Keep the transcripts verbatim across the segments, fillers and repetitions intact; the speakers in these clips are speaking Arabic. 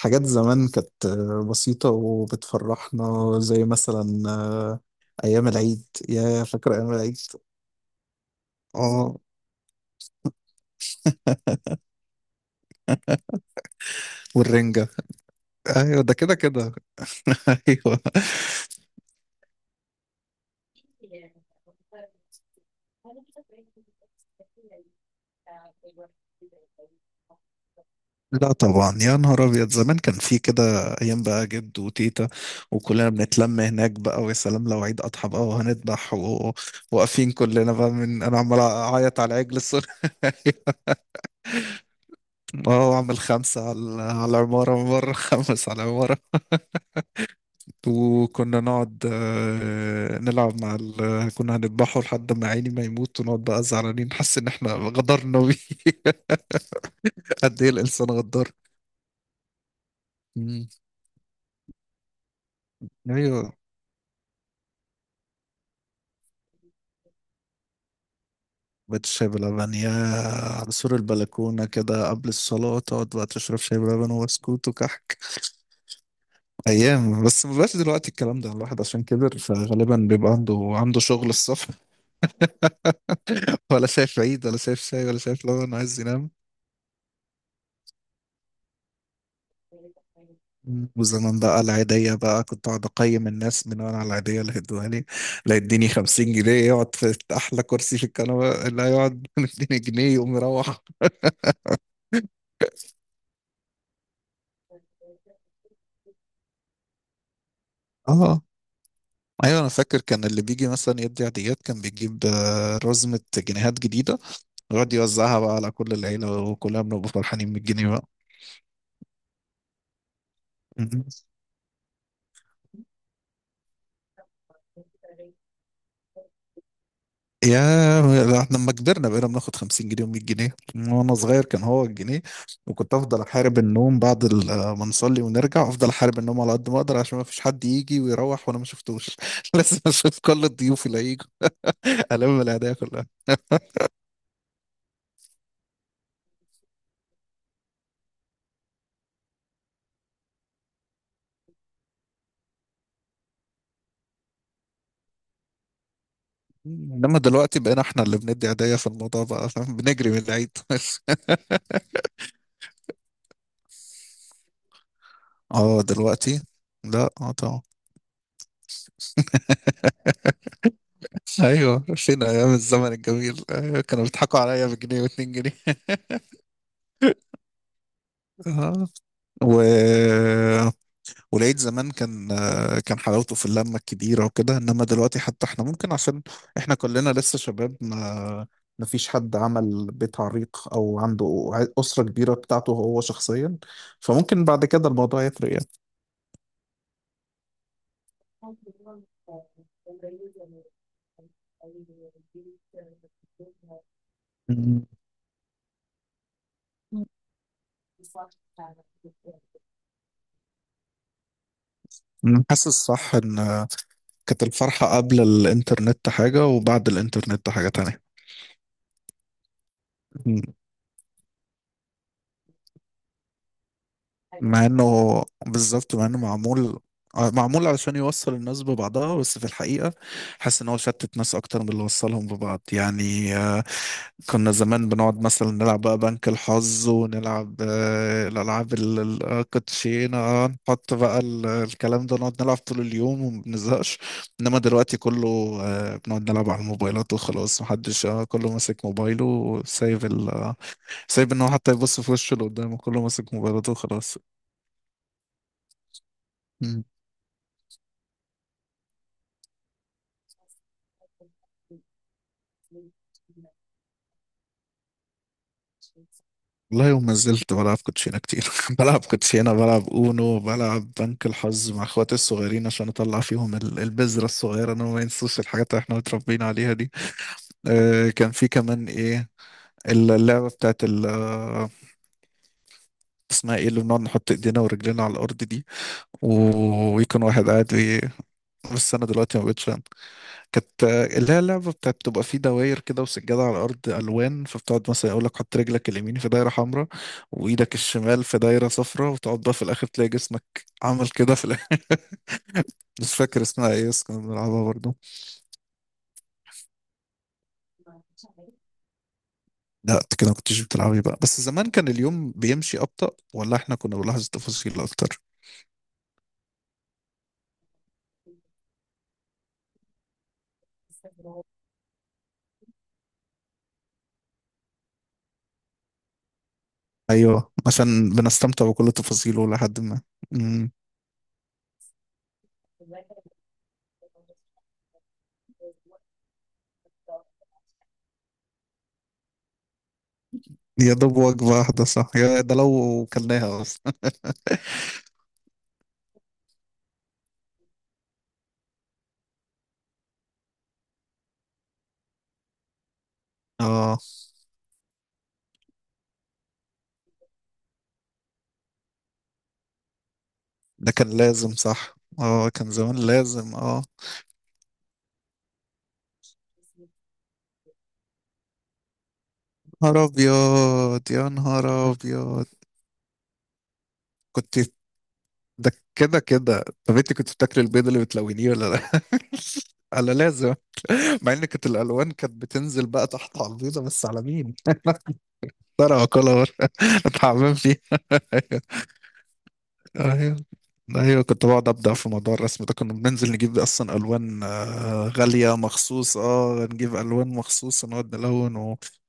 حاجات زمان كانت بسيطة وبتفرحنا زي مثلا أيام العيد، يا فاكر أيام العيد؟ اه. والرنجة. أيوة، ده كده كده. أيوة. لا طبعا، يا نهار أبيض، زمان كان في كده أيام، بقى جد وتيتا وكلنا بنتلم هناك، بقى ويا سلام لو عيد أضحى بقى وهنذبح و- وواقفين كلنا بقى، من أنا عمال أعيط على عجل الصغير. اه، وأعمل خمسة على على العمارة من بره، خمس على العمارة. وكنا نقعد، آه، نلعب مع ال... كنا هنذبحه لحد ما عيني ما يموت، ونقعد بقى زعلانين نحس ان احنا غدرنا بيه. قد ايه الانسان غدار. مم. ايوه. بيت الشاي بلبن يا، على سور البلكونة كده قبل الصلاة تقعد بقى تشرب شاي بلبن وبسكوت وكحك. أيام. بس ما بقاش دلوقتي الكلام ده، الواحد عشان كبر فغالبا بيبقى عنده عنده شغل الصبح. ولا شايف عيد ولا شايف شاي ولا شايف لبن، عايز ينام. وزمان بقى العيدية، بقى كنت أقعد أقيم الناس من وأنا على العيدية اللي هيدوها لي. اللي هيديني خمسين جنيه يقعد في أحلى كرسي في الكنبة اللي هيقعد، مديني جنيه يقوم يروح. اه. ايوه انا فاكر، كان اللي بيجي مثلا يدي عيديات كان بيجيب آه، رزمة جنيهات جديدة، ويقعد يوزعها بقى على كل العيلة وكلنا بنبقى فرحانين من الجنيه. بقى يا، لما كبرنا بقينا بناخد خمسين جنيه و100 جنيه. وانا صغير كان هو الجنيه. وكنت افضل احارب النوم بعد ال- ما نصلي ونرجع، افضل احارب النوم على قد ما اقدر عشان ما فيش حد يجي ويروح وانا ما شفتوش. لازم اشوف كل الضيوف اللي هيجوا، الم الهدايا كلها. انما دلوقتي بقينا احنا اللي بندي هدايا في الموضوع بقى، فاهم؟ بنجري من العيد. اه دلوقتي. لا اه طبعا. ايوه، فين ايام الزمن الجميل؟ أيوة، كانوا بيضحكوا عليا بجنيه واتنين جنيه. اه. و... ولقيت زمان كان كان حلاوته في اللمة الكبيرة وكده. انما دلوقتي حتى احنا ممكن، عشان احنا كلنا لسه شباب، ما ما فيش حد عمل بيت عريق او عنده ع- أسرة كبيرة بتاعته هو شخصيا. فممكن بعد كده الموضوع يفرق يعني. مم. مم. حاسس صح ان كانت الفرحة قبل الانترنت حاجة، وبعد الانترنت حاجة تانية. مع انه بالظبط، مع انه معمول، آه، معمول علشان يوصل الناس ببعضها، بس في الحقيقة حاسس ان هو شتت ناس اكتر من اللي وصلهم ببعض، يعني آه، كنا زمان بنقعد مثلا نلعب بقى بنك الحظ، ونلعب آه، الالعاب ال- ال- آه، كوتشينة، آه، نحط بقى ال- الكلام ده، نقعد نلعب طول اليوم وما بنزهقش. انما دلوقتي كله آه، بنقعد نلعب على الموبايلات وخلاص، محدش آه، كله ماسك موبايله وسايب ال آه، سايب ان هو حتى يبص في وشه اللي قدامه، كله ماسك موبايلاته وخلاص. مم. والله يوم ما زلت بلعب كوتشينة كتير. بلعب كوتشينة، بلعب اونو، بلعب بنك الحظ مع اخواتي الصغيرين، عشان اطلع فيهم ال- البذرة الصغيرة ان هم ما ينسوش الحاجات اللي احنا متربيين عليها دي. آه كان في كمان ايه، اللعبة بتاعت ال آه، اسمها ايه اللي بنقعد نحط ايدينا ورجلينا على الارض دي، ويكون واحد قاعد بي... بس انا دلوقتي ما بقتش، كانت اللي هي اللعبة بتاعت بتبقى فيه دواير كده وسجادة على الأرض ألوان، فبتقعد مثلا يقول لك حط رجلك اليمين في دايرة حمراء وإيدك الشمال في دايرة صفراء، وتقعد بقى في الآخر تلاقي جسمك عمل كده في الآخر. مش فاكر اسمها إيه، بس كنا بنلعبها برضه. لا أنت كده ما كنتش بتلعبي بقى، بس زمان كان اليوم بيمشي أبطأ، ولا إحنا كنا بنلاحظ التفاصيل أكتر؟ أيوه، عشان بنستمتع بكل تفاصيله لحد ما. مم. يا دوب وجبة واحدة صح، يا ده لو كلناها أصلا. ده كان لازم صح، اه كان زمان لازم اه. نهار ابيض يا نهار ابيض. كنت، ده كده كده. طب انت كنت بتاكلي البيض اللي بتلونيه ولا لا؟ انا لازم. مع ان كانت الالوان كانت بتنزل بقى تحت على البيضه، بس على مين؟ ترى اكلها بره، اتحمم فيها. ايوه ايوه ايوه، كنت بقعد ابدا في موضوع الرسم ده، كنا بننزل نجيب اصلا الوان، آه، غاليه مخصوص، اه نجيب الوان مخصوص نقعد نلون، وكنا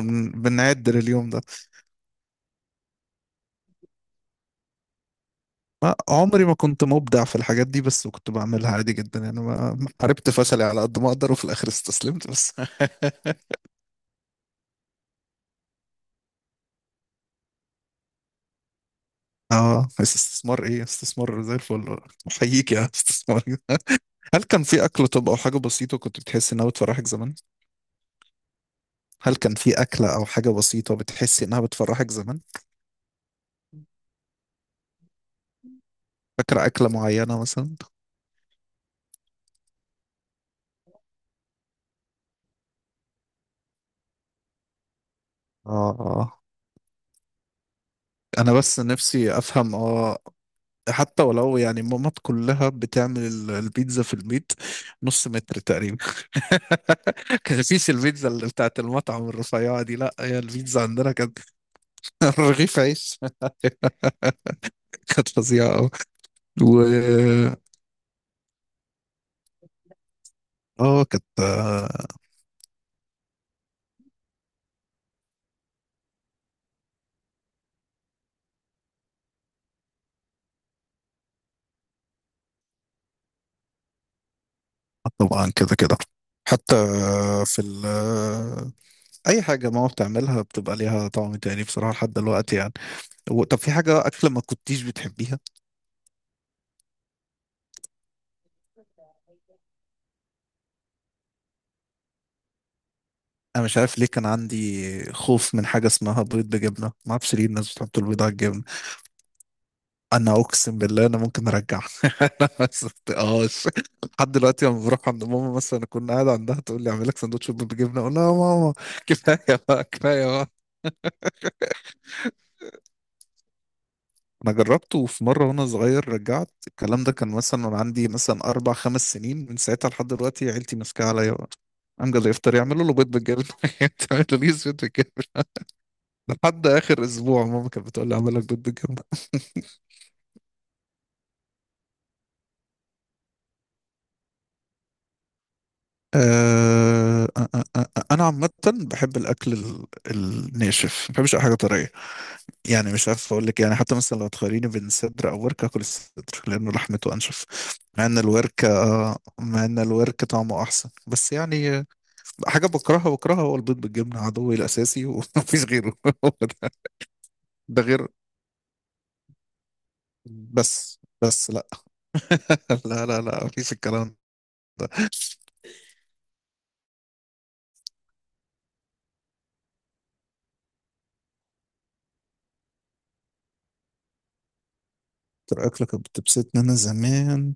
بن- بنعد لليوم ده. ما عمري ما كنت مبدع في الحاجات دي، بس كنت بعملها عادي جدا يعني، ما ما حاربت فشلي على قد ما اقدر وفي الاخر استسلمت بس. اه بس استثمار ايه، استثمار زي الفل. احييك يا استثمار. هل كان في اكل طب او حاجه بسيطه كنت بتحس انها بتفرحك زمان؟ هل كان في اكله او حاجه بسيطه بتحس انها بتفرحك زمان؟ فاكره اكله معينه مثلا؟ اه اه، انا بس نفسي افهم، اه. حتى ولو يعني ماما كلها بتعمل ال- البيتزا في البيت، نص متر تقريبا. كان مفيش البيتزا اللي بتاعت المطعم الرفيعة دي، لا، هي البيتزا عندنا كانت رغيف عيش. كانت فظيعة أوي. و اه كانت آه، طبعا كده كده. حتى في ال آه، أي حاجة ماما بتعملها بتبقى ليها طعم تاني بصراحة لحد دلوقتي يعني. و- طب في حاجة أكلة ما كنتيش بتحبيها؟ أنا مش عارف ليه كان عندي خوف من حاجة اسمها بيض بجبنة، ما أعرفش ليه الناس بتحط البيض على الجبنة. انا اقسم بالله انا ممكن ارجع. انا ما صدقتهاش لحد دلوقتي. لما بروح عند ماما مثلا اكون قاعد عندها تقول لي اعمل لك سندوتش بالجبنه، اقول لها يا ماما. كفايه بقى، كفايه بقى. انا جربته في مره وانا صغير رجعت الكلام ده، كان مثلا وانا عندي مثلا اربع خمس سنين، من ساعتها لحد دلوقتي عيلتي ماسكاها عليا بقى. امجد يفطر يعملوا له بيض بالجبنه. تعملوا لي بيض بالجبنه. لحد اخر اسبوع ماما كانت بتقول لي اعمل لك بيض بالجبنه. آه، آه، آه، آه، آه، انا عامه بحب الاكل ال- الناشف، ما بحبش اي حاجه طريه. يعني مش عارف اقول لك يعني، حتى مثلا لو تخيريني بين صدر او ورك اكل الصدر لانه لحمته انشف. مع ان الورك، آه، مع ان الورك طعمه احسن، بس يعني آه، حاجه بكرهها بكرهها هو البيض بالجبنه، عدوي الاساسي ومفيش غيره. هو ده. ده غير، بس بس لا. لا لا لا، مفيش الكلام ده. اكتر اكله كانت بتبسطني انا زمان،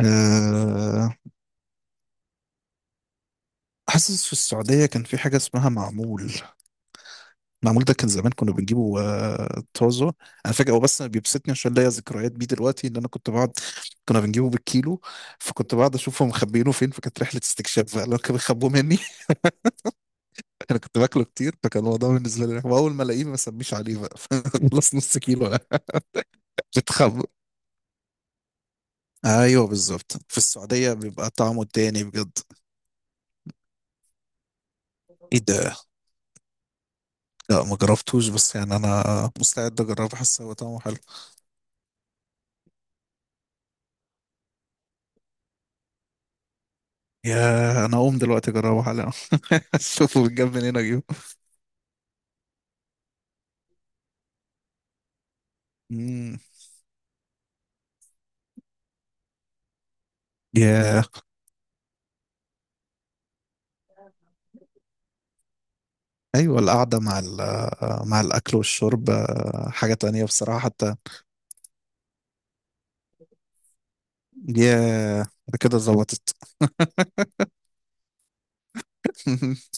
آه، حاسس في السعودية كان في حاجة اسمها معمول. معمول ده كان زمان كنا بنجيبه آه، طازة. أنا فاكر هو، بس أنا بيبسطني عشان ليا ذكريات بيه دلوقتي، إن أنا كنت بقعد، كنا بنجيبه بالكيلو. فكنت بقعد أشوفهم مخبيينه فين، فكانت رحلة استكشاف بقى لو كانوا بيخبوه مني. أنا كنت باكله كتير، فكان الموضوع بالنسبة لي رخم. وأول ما ألاقيه ما أسميش عليه بقى. خلص نص كيلو لا. بتخبى. أيوه بالظبط، في السعودية بيبقى طعمه تاني بجد. إيه ده؟ لا ما جربتوش، بس يعني أنا مستعد أجربه، حاسس هو طعمه حلو. يا انا اقوم دلوقتي اجربه حالا. اشوفه بيتجاب منين اجيبه. مم. يا. ايوه، القعده مع ال- مع الاكل والشرب، آه، حاجه تانية بصراحه حتى. يا، كده ظبطت.